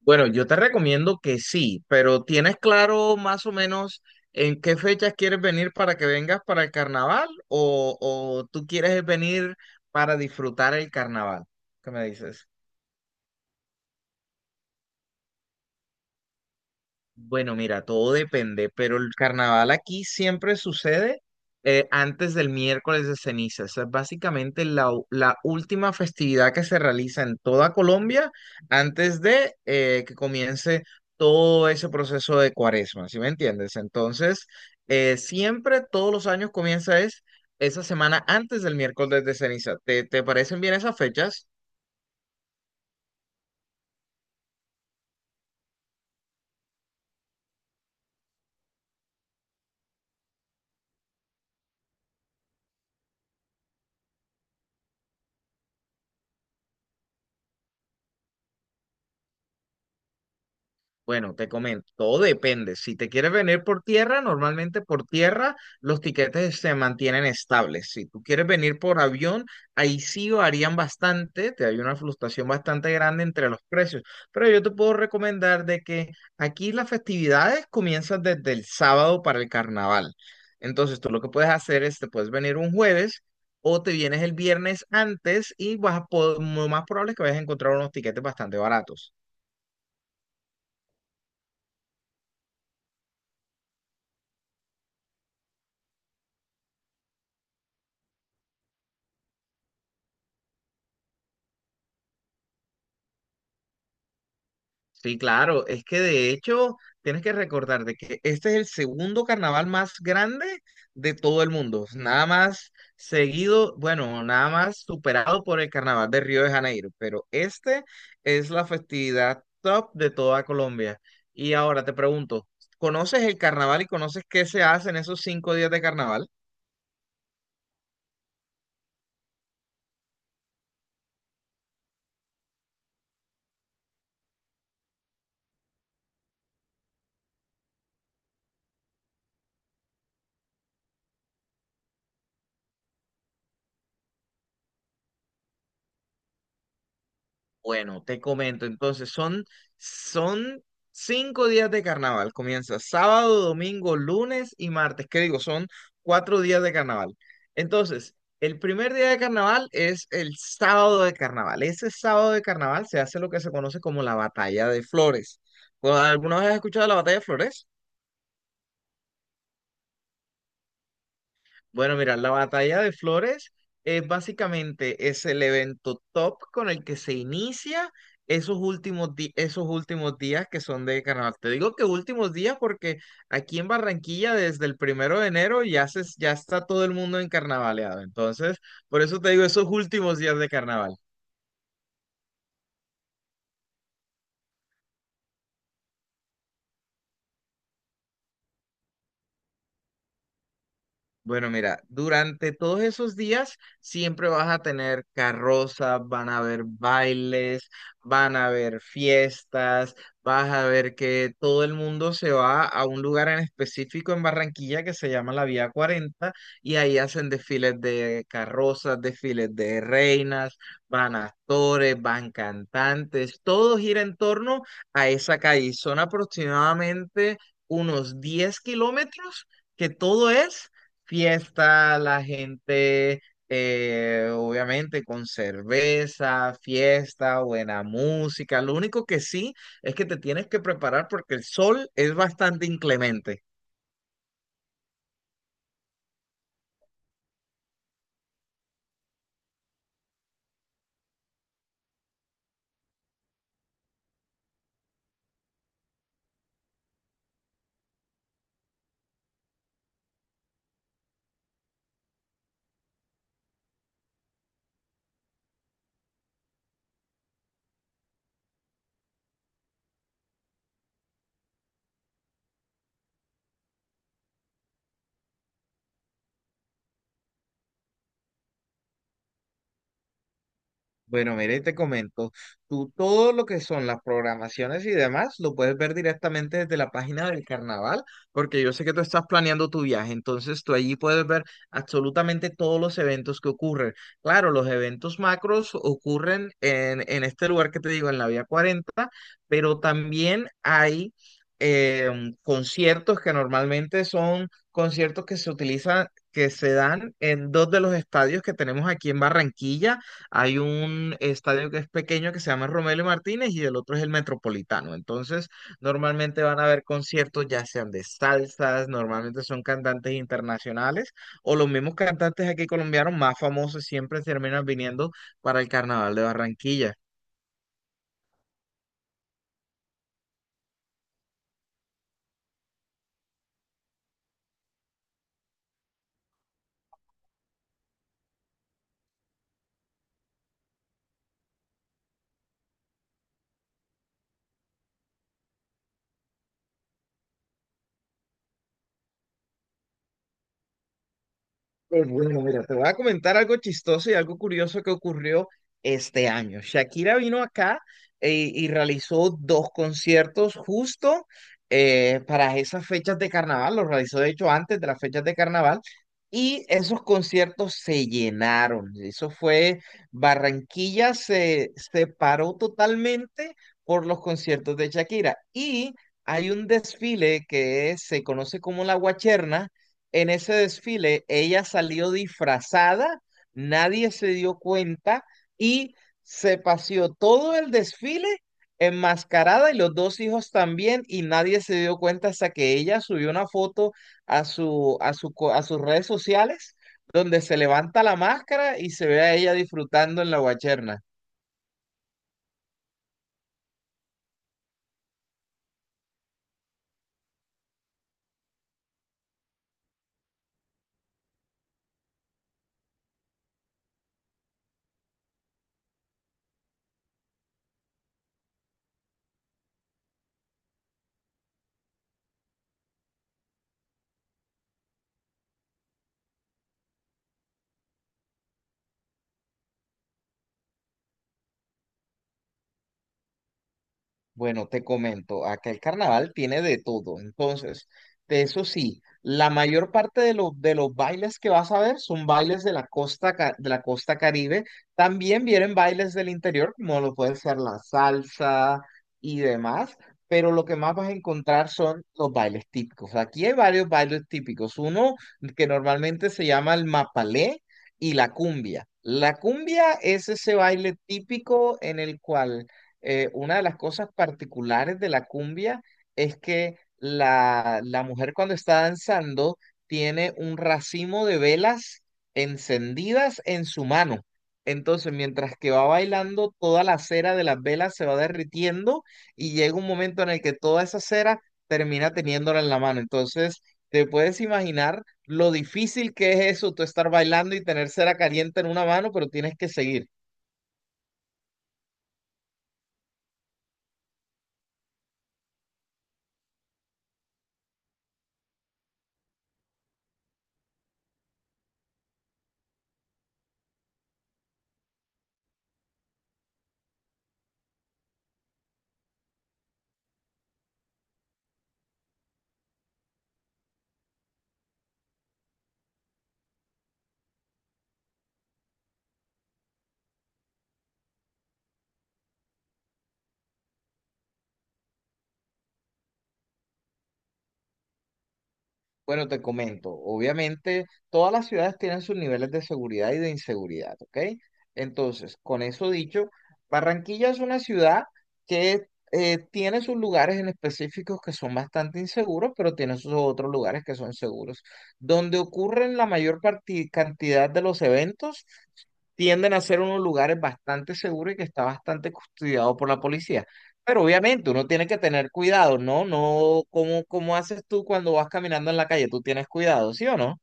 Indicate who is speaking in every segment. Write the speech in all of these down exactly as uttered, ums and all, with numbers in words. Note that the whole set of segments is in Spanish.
Speaker 1: Bueno, yo te recomiendo que sí, pero ¿tienes claro más o menos en qué fechas quieres venir para que vengas para el carnaval o, o tú quieres venir para disfrutar el carnaval? ¿Qué me dices? Bueno, mira, todo depende, pero el carnaval aquí siempre sucede eh, antes del miércoles de ceniza. Esa es básicamente la, u- la última festividad que se realiza en toda Colombia antes de eh, que comience todo ese proceso de cuaresma, ¿sí me entiendes? Entonces, eh, siempre, todos los años comienza es esa semana antes del miércoles de ceniza. ¿Te, te parecen bien esas fechas? Bueno, te comento, todo depende. Si te quieres venir por tierra, normalmente por tierra los tiquetes se mantienen estables. Si tú quieres venir por avión, ahí sí varían bastante, te hay una fluctuación bastante grande entre los precios. Pero yo te puedo recomendar de que aquí las festividades comienzan desde el sábado para el carnaval. Entonces, tú lo que puedes hacer es, te puedes venir un jueves. O te vienes el viernes antes y vas a po- lo más probable es que vayas a encontrar unos tiquetes bastante baratos. Sí, claro, es que de hecho tienes que recordar de que este es el segundo carnaval más grande de todo el mundo, nada más seguido, bueno, nada más superado por el carnaval de Río de Janeiro, pero este es la festividad top de toda Colombia. Y ahora te pregunto, ¿conoces el carnaval y conoces qué se hace en esos cinco días de carnaval? Bueno, te comento, entonces son, son cinco días de carnaval. Comienza sábado, domingo, lunes y martes. ¿Qué digo? Son cuatro días de carnaval. Entonces, el primer día de carnaval es el sábado de carnaval. Ese sábado de carnaval se hace lo que se conoce como la batalla de flores. ¿Alguna vez has escuchado la batalla de flores? Bueno, mira, la batalla de flores es básicamente es el evento top con el que se inicia esos últimos di- esos últimos días que son de carnaval. Te digo que últimos días porque aquí en Barranquilla desde el primero de enero ya se, ya está todo el mundo en carnavaleado. Entonces, por eso te digo esos últimos días de carnaval. Bueno, mira, durante todos esos días siempre vas a tener carrozas, van a haber bailes, van a haber fiestas, vas a ver que todo el mundo se va a un lugar en específico en Barranquilla que se llama la Vía Cuarenta y ahí hacen desfiles de carrozas, desfiles de reinas, van actores, van cantantes, todo gira en torno a esa calle. Son aproximadamente unos diez kilómetros que todo es fiesta, la gente, eh, obviamente, con cerveza, fiesta, buena música. Lo único que sí es que te tienes que preparar porque el sol es bastante inclemente. Bueno, mire te comento, tú todo lo que son las programaciones y demás lo puedes ver directamente desde la página del carnaval, porque yo sé que tú estás planeando tu viaje, entonces tú allí puedes ver absolutamente todos los eventos que ocurren. Claro, los eventos macros ocurren en, en este lugar que te digo, en la Vía cuarenta pero también hay em, conciertos que normalmente son conciertos que se utilizan, que se dan en dos de los estadios que tenemos aquí en Barranquilla hay un estadio que es pequeño que se llama Romelio Martínez y el otro es el Metropolitano. Entonces, normalmente van a haber conciertos ya sean de salsas, normalmente son cantantes internacionales o los mismos cantantes aquí colombianos más famosos siempre terminan viniendo para el Carnaval de Barranquilla. Pues bueno, mira, te voy a comentar algo chistoso y algo curioso que ocurrió este año. Shakira vino acá eh, y realizó dos conciertos justo eh, para esas fechas de carnaval, los realizó de hecho antes de las fechas de carnaval, y esos conciertos se llenaron. Eso fue, Barranquilla se, se paró totalmente por los conciertos de Shakira. Y hay un desfile que se conoce como la Guacherna en ese desfile ella salió disfrazada, nadie se dio cuenta y se paseó todo el desfile enmascarada y los dos hijos también y nadie se dio cuenta hasta que ella subió una foto a su, a su, co- a sus redes sociales donde se levanta la máscara y se ve a ella disfrutando en la guacherna. Bueno, te comento, acá el carnaval tiene de todo. Entonces, de eso sí, la mayor parte de los, de los bailes que vas a ver son bailes de la costa, ca- de la costa Caribe. También vienen bailes del interior, como lo puede ser la salsa y demás, pero lo que más vas a encontrar son los bailes típicos. Aquí hay varios bailes típicos. Uno que normalmente se llama el mapalé y la cumbia. La cumbia es ese baile típico en el cual eh, una de las cosas particulares de la cumbia es que la, la mujer cuando está danzando tiene un racimo de velas encendidas en su mano. Entonces, mientras que va bailando, toda la cera de las velas se va derritiendo y llega un momento en el que toda esa cera termina teniéndola en la mano. Entonces, te puedes imaginar lo difícil que es eso, tú estar bailando y tener cera caliente en una mano, pero tienes que seguir. Bueno, te comento, obviamente todas las ciudades tienen sus niveles de seguridad y de inseguridad, ¿ok? Entonces, con eso dicho, Barranquilla es una ciudad que eh, tiene sus lugares en específicos que son bastante inseguros, pero tiene sus otros lugares que son seguros. Donde ocurren la mayor parti- cantidad de los eventos, tienden a ser unos lugares bastante seguros y que está bastante custodiado por la policía. Pero obviamente uno tiene que tener cuidado, ¿no? No, ¿cómo, cómo haces tú cuando vas caminando en la calle? Tú tienes cuidado, ¿sí o no?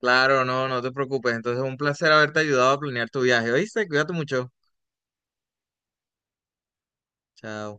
Speaker 1: Claro, no, no te preocupes. Entonces, un placer haberte ayudado a planear tu viaje. ¿Oíste? Cuídate mucho. Chao.